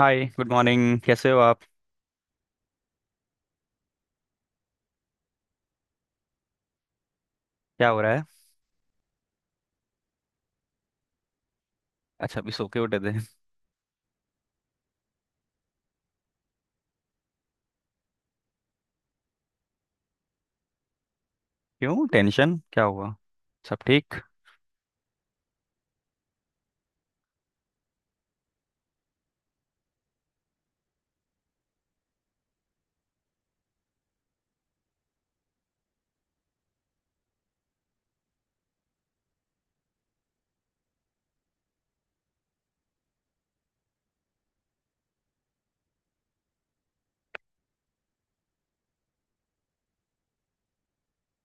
हाय good morning, कैसे हो आप? क्या हो रहा है? अच्छा, अभी सो के उठे थे? क्यों, टेंशन क्या हुआ? सब ठीक?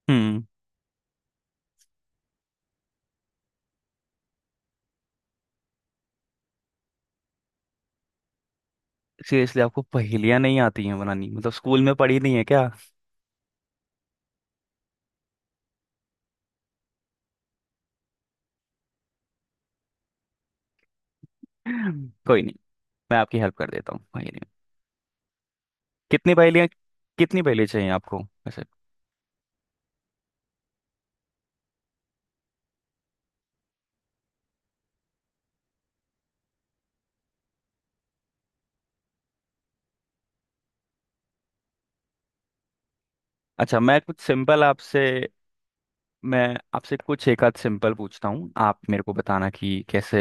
हम्म। सीरियसली आपको पहेलियां नहीं आती हैं बनानी? मतलब स्कूल में पढ़ी नहीं है क्या? कोई नहीं, मैं आपकी हेल्प कर देता हूँ पहेली में। कितनी पहेलियां, कितनी पहेली चाहिए आपको वैसे? अच्छा, मैं आपसे कुछ एक आध सिंपल पूछता हूँ, आप मेरे को बताना कि कैसे,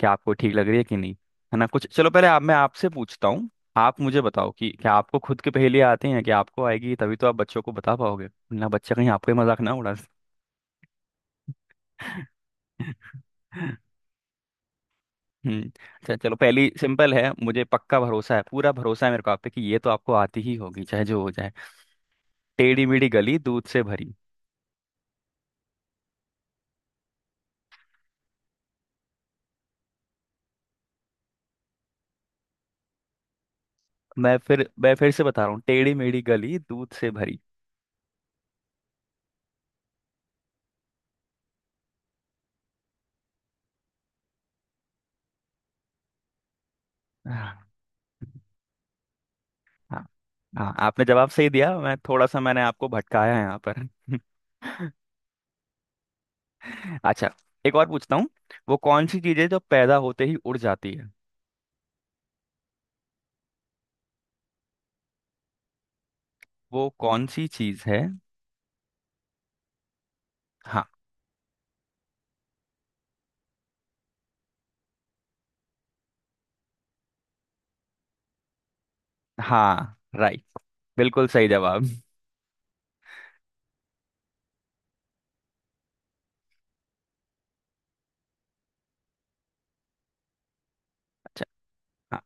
क्या आपको ठीक लग रही है कि नहीं। है ना? कुछ चलो, पहले आप मैं आपसे पूछता हूँ। आप मुझे बताओ कि क्या आपको खुद की पहेली आती हैं? कि आपको आएगी तभी तो आप बच्चों को बता पाओगे ना, बच्चा कहीं आपका ही मजाक ना उड़ा। हम्म। अच्छा, चलो पहली सिंपल है, मुझे पक्का भरोसा है, पूरा भरोसा है मेरे को आप पे कि ये तो आपको आती ही होगी चाहे जो हो जाए। टेढ़ी मेढ़ी गली दूध से भरी। मैं फिर से बता रहा हूँ, टेढ़ी मेढ़ी गली दूध से भरी। हाँ। हाँ, आपने जवाब सही दिया। मैं थोड़ा सा मैंने आपको भटकाया है यहाँ पर। अच्छा, एक और पूछता हूँ। वो कौन सी चीज है जो पैदा होते ही उड़ जाती है? वो कौन सी चीज है? हाँ। हाँ, राइट, बिल्कुल सही जवाब। अच्छा, हाँ।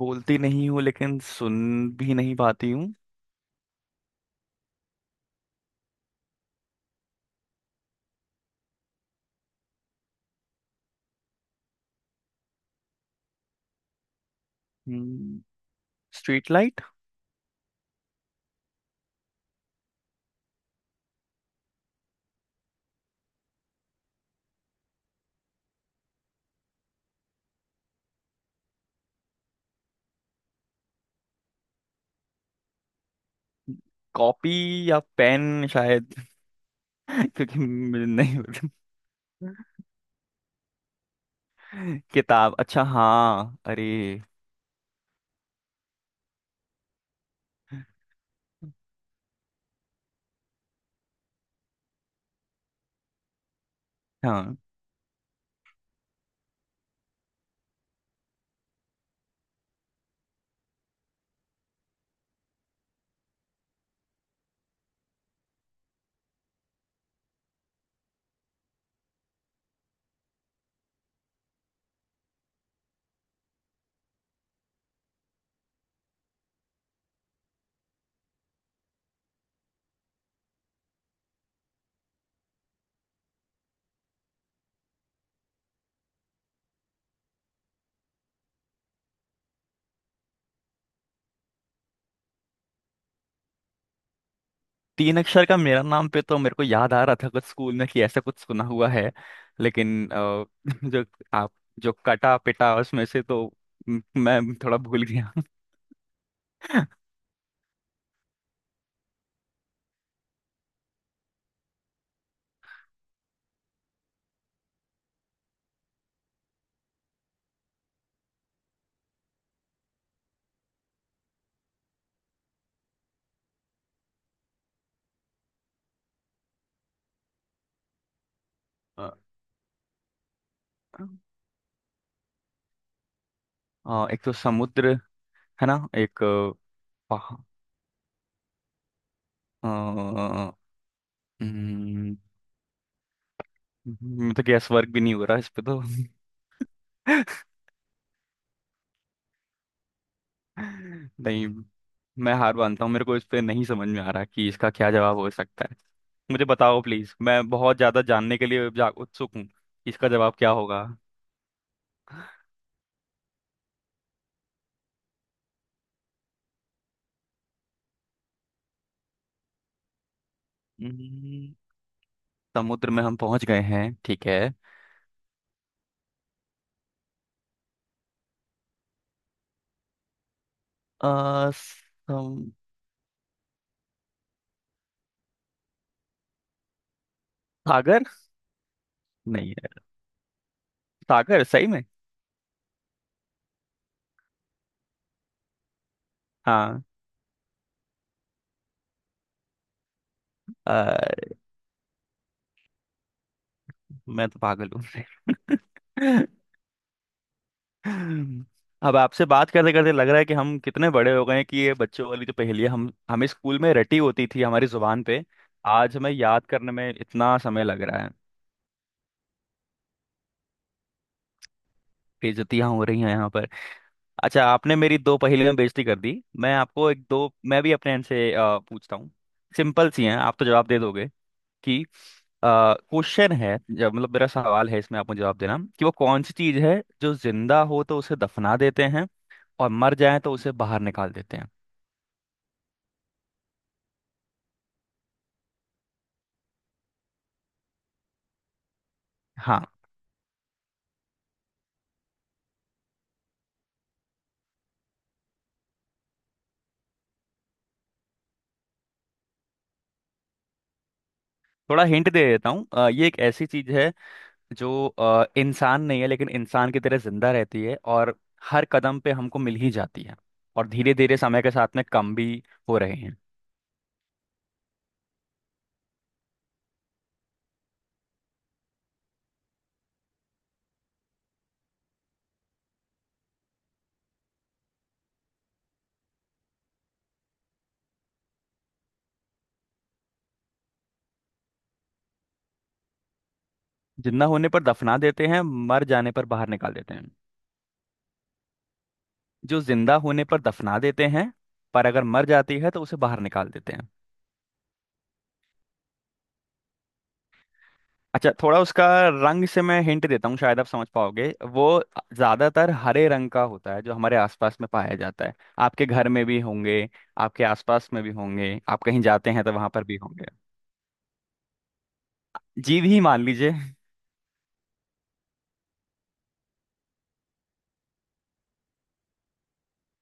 बोलती नहीं हूँ लेकिन सुन भी नहीं पाती हूँ। हम्म, स्ट्रीट लाइट। कॉपी या पेन शायद। क्योंकि मुझे नहीं पता। किताब? अच्छा हाँ, अरे हाँ। तीन अक्षर का मेरा नाम पे तो मेरे को याद आ रहा था कुछ स्कूल में कि ऐसा कुछ सुना हुआ है, लेकिन जो आप जो कटा पिटा उसमें से तो मैं थोड़ा भूल गया। अ, एक तो समुद्र है ना, एक अ, पहा- अ, हम्म, तो गैस वर्क भी नहीं हो रहा इस पे तो। नहीं, मैं हार मानता हूँ, मेरे को इस पे नहीं समझ में आ रहा कि इसका क्या जवाब हो सकता है। मुझे बताओ प्लीज, मैं बहुत ज्यादा जानने के लिए जा उत्सुक हूँ कि इसका जवाब क्या होगा। हम्म, समुद्र में हम पहुंच गए हैं, ठीक है। आ, सम, सागर नहीं है? सागर सही में? हाँ। अ, मैं तो पागल हूँ। अब आपसे बात करते करते लग रहा है कि हम कितने बड़े हो गए हैं कि ये बच्चों वाली जो पहेलियां हम हमें स्कूल में रटी होती थी हमारी जुबान पे, आज हमें याद करने में इतना समय लग रहा है। बेइज्जतियां हो रही हैं यहाँ पर। अच्छा, आपने मेरी दो पहेलियां बेइज्जती कर दी, मैं आपको एक दो, मैं भी अपने इनसे पूछता हूँ। सिंपल सी हैं, आप तो जवाब दे दोगे कि, क्वेश्चन है जब, मतलब मेरा सवाल है, इसमें आप मुझे जवाब देना कि वो कौन सी चीज है जो जिंदा हो तो उसे दफना देते हैं और मर जाए तो उसे बाहर निकाल देते हैं। हाँ, थोड़ा हिंट दे देता हूँ। ये एक ऐसी चीज है जो इंसान नहीं है, लेकिन इंसान की तरह जिंदा रहती है और हर कदम पे हमको मिल ही जाती है, और धीरे धीरे समय के साथ में कम भी हो रहे हैं। जिंदा होने पर दफना देते हैं, मर जाने पर बाहर निकाल देते हैं। जो जिंदा होने पर दफना देते हैं, पर अगर मर जाती है तो उसे बाहर निकाल देते हैं। अच्छा, थोड़ा उसका रंग से मैं हिंट देता हूँ, शायद आप समझ पाओगे। वो ज्यादातर हरे रंग का होता है जो हमारे आसपास में पाया जाता है। आपके घर में भी होंगे, आपके आसपास में भी होंगे, आप कहीं जाते हैं तो वहां पर भी होंगे। जीव ही मान लीजिए।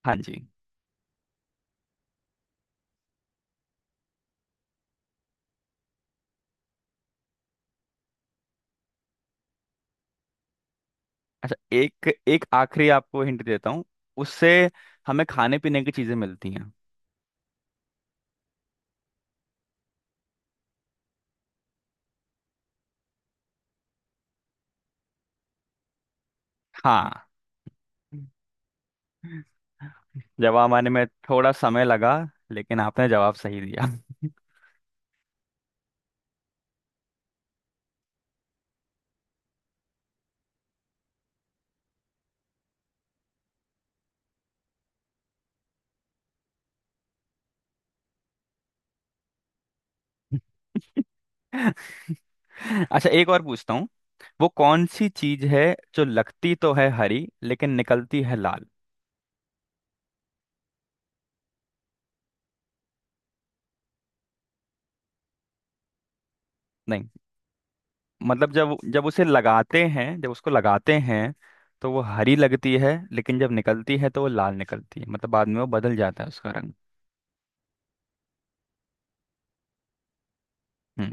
हाँ जी। अच्छा, एक एक आखिरी आपको हिंट देता हूँ, उससे हमें खाने पीने की चीजें मिलती हैं। हाँ। जवाब आने में थोड़ा समय लगा, लेकिन आपने जवाब सही दिया। अच्छा, एक और पूछता हूँ। वो कौन सी चीज है जो लगती तो है हरी लेकिन निकलती है लाल? नहीं, मतलब जब जब उसे लगाते हैं, जब उसको लगाते हैं, तो वो हरी लगती है लेकिन जब निकलती है तो वो लाल निकलती है। मतलब बाद में वो बदल जाता है उसका रंग। हम्म।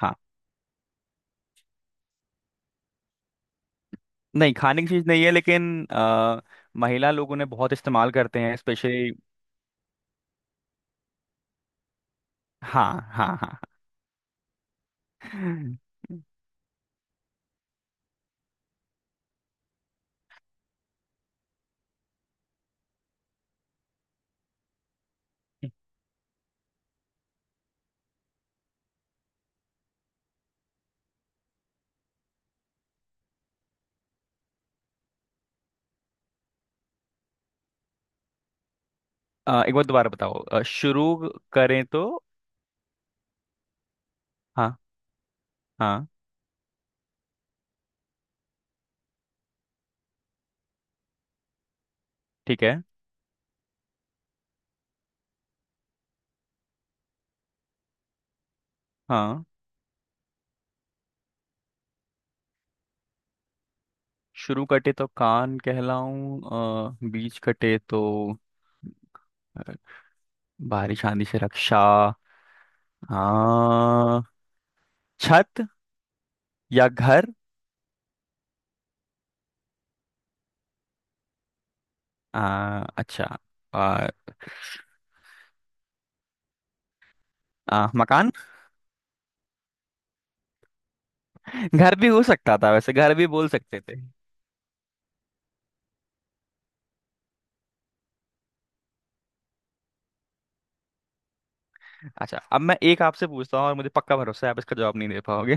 हाँ। नहीं, खाने की चीज नहीं है, लेकिन महिला लोग उन्हें बहुत इस्तेमाल करते हैं स्पेशली। हाँ। हाँ हाँ हाँ। एक बार दोबारा बताओ। शुरू करें तो? हाँ। हाँ, ठीक है। हाँ, शुरू कटे तो कान कहलाऊं, बीच कटे तो, अ, बारिश आंधी से रक्षा। आ, छत या घर? आ, अच्छा आ, आ, मकान। घर भी हो सकता था वैसे, घर भी बोल सकते थे। अच्छा, अब मैं एक आपसे पूछता हूँ, और मुझे पक्का भरोसा है आप इसका जवाब नहीं दे पाओगे।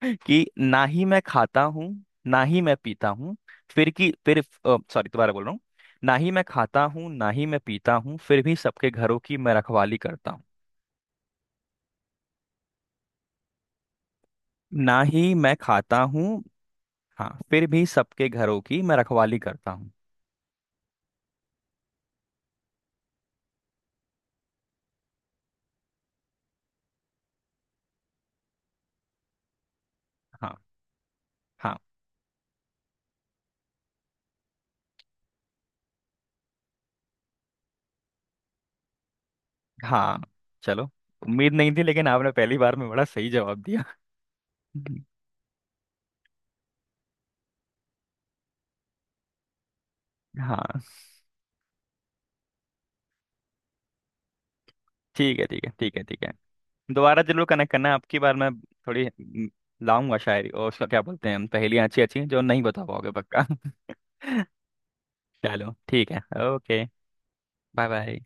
कि ना ही मैं खाता हूँ, ना ही मैं पीता हूँ, फिर की फिर सॉरी, दोबारा बोल रहा हूँ। ना ही मैं खाता हूँ, ना ही मैं पीता हूँ, फिर भी सबके घरों की मैं रखवाली करता हूँ। ना ही मैं खाता हूँ, हाँ, फिर भी सबके घरों की मैं रखवाली करता हूँ। हाँ। हाँ। हाँ, चलो। उम्मीद नहीं थी, लेकिन आपने पहली बार में बड़ा सही जवाब दिया। हम्म, हाँ, ठीक है ठीक है ठीक है ठीक है। दोबारा जरूर कनेक्ट करना, आपकी बार मैं थोड़ी लाऊंगा शायरी और उसका क्या बोलते हैं हम, पहेलियाँ अच्छी अच्छी जो नहीं बता पाओगे पक्का। चलो ठीक है। Okay, bye bye.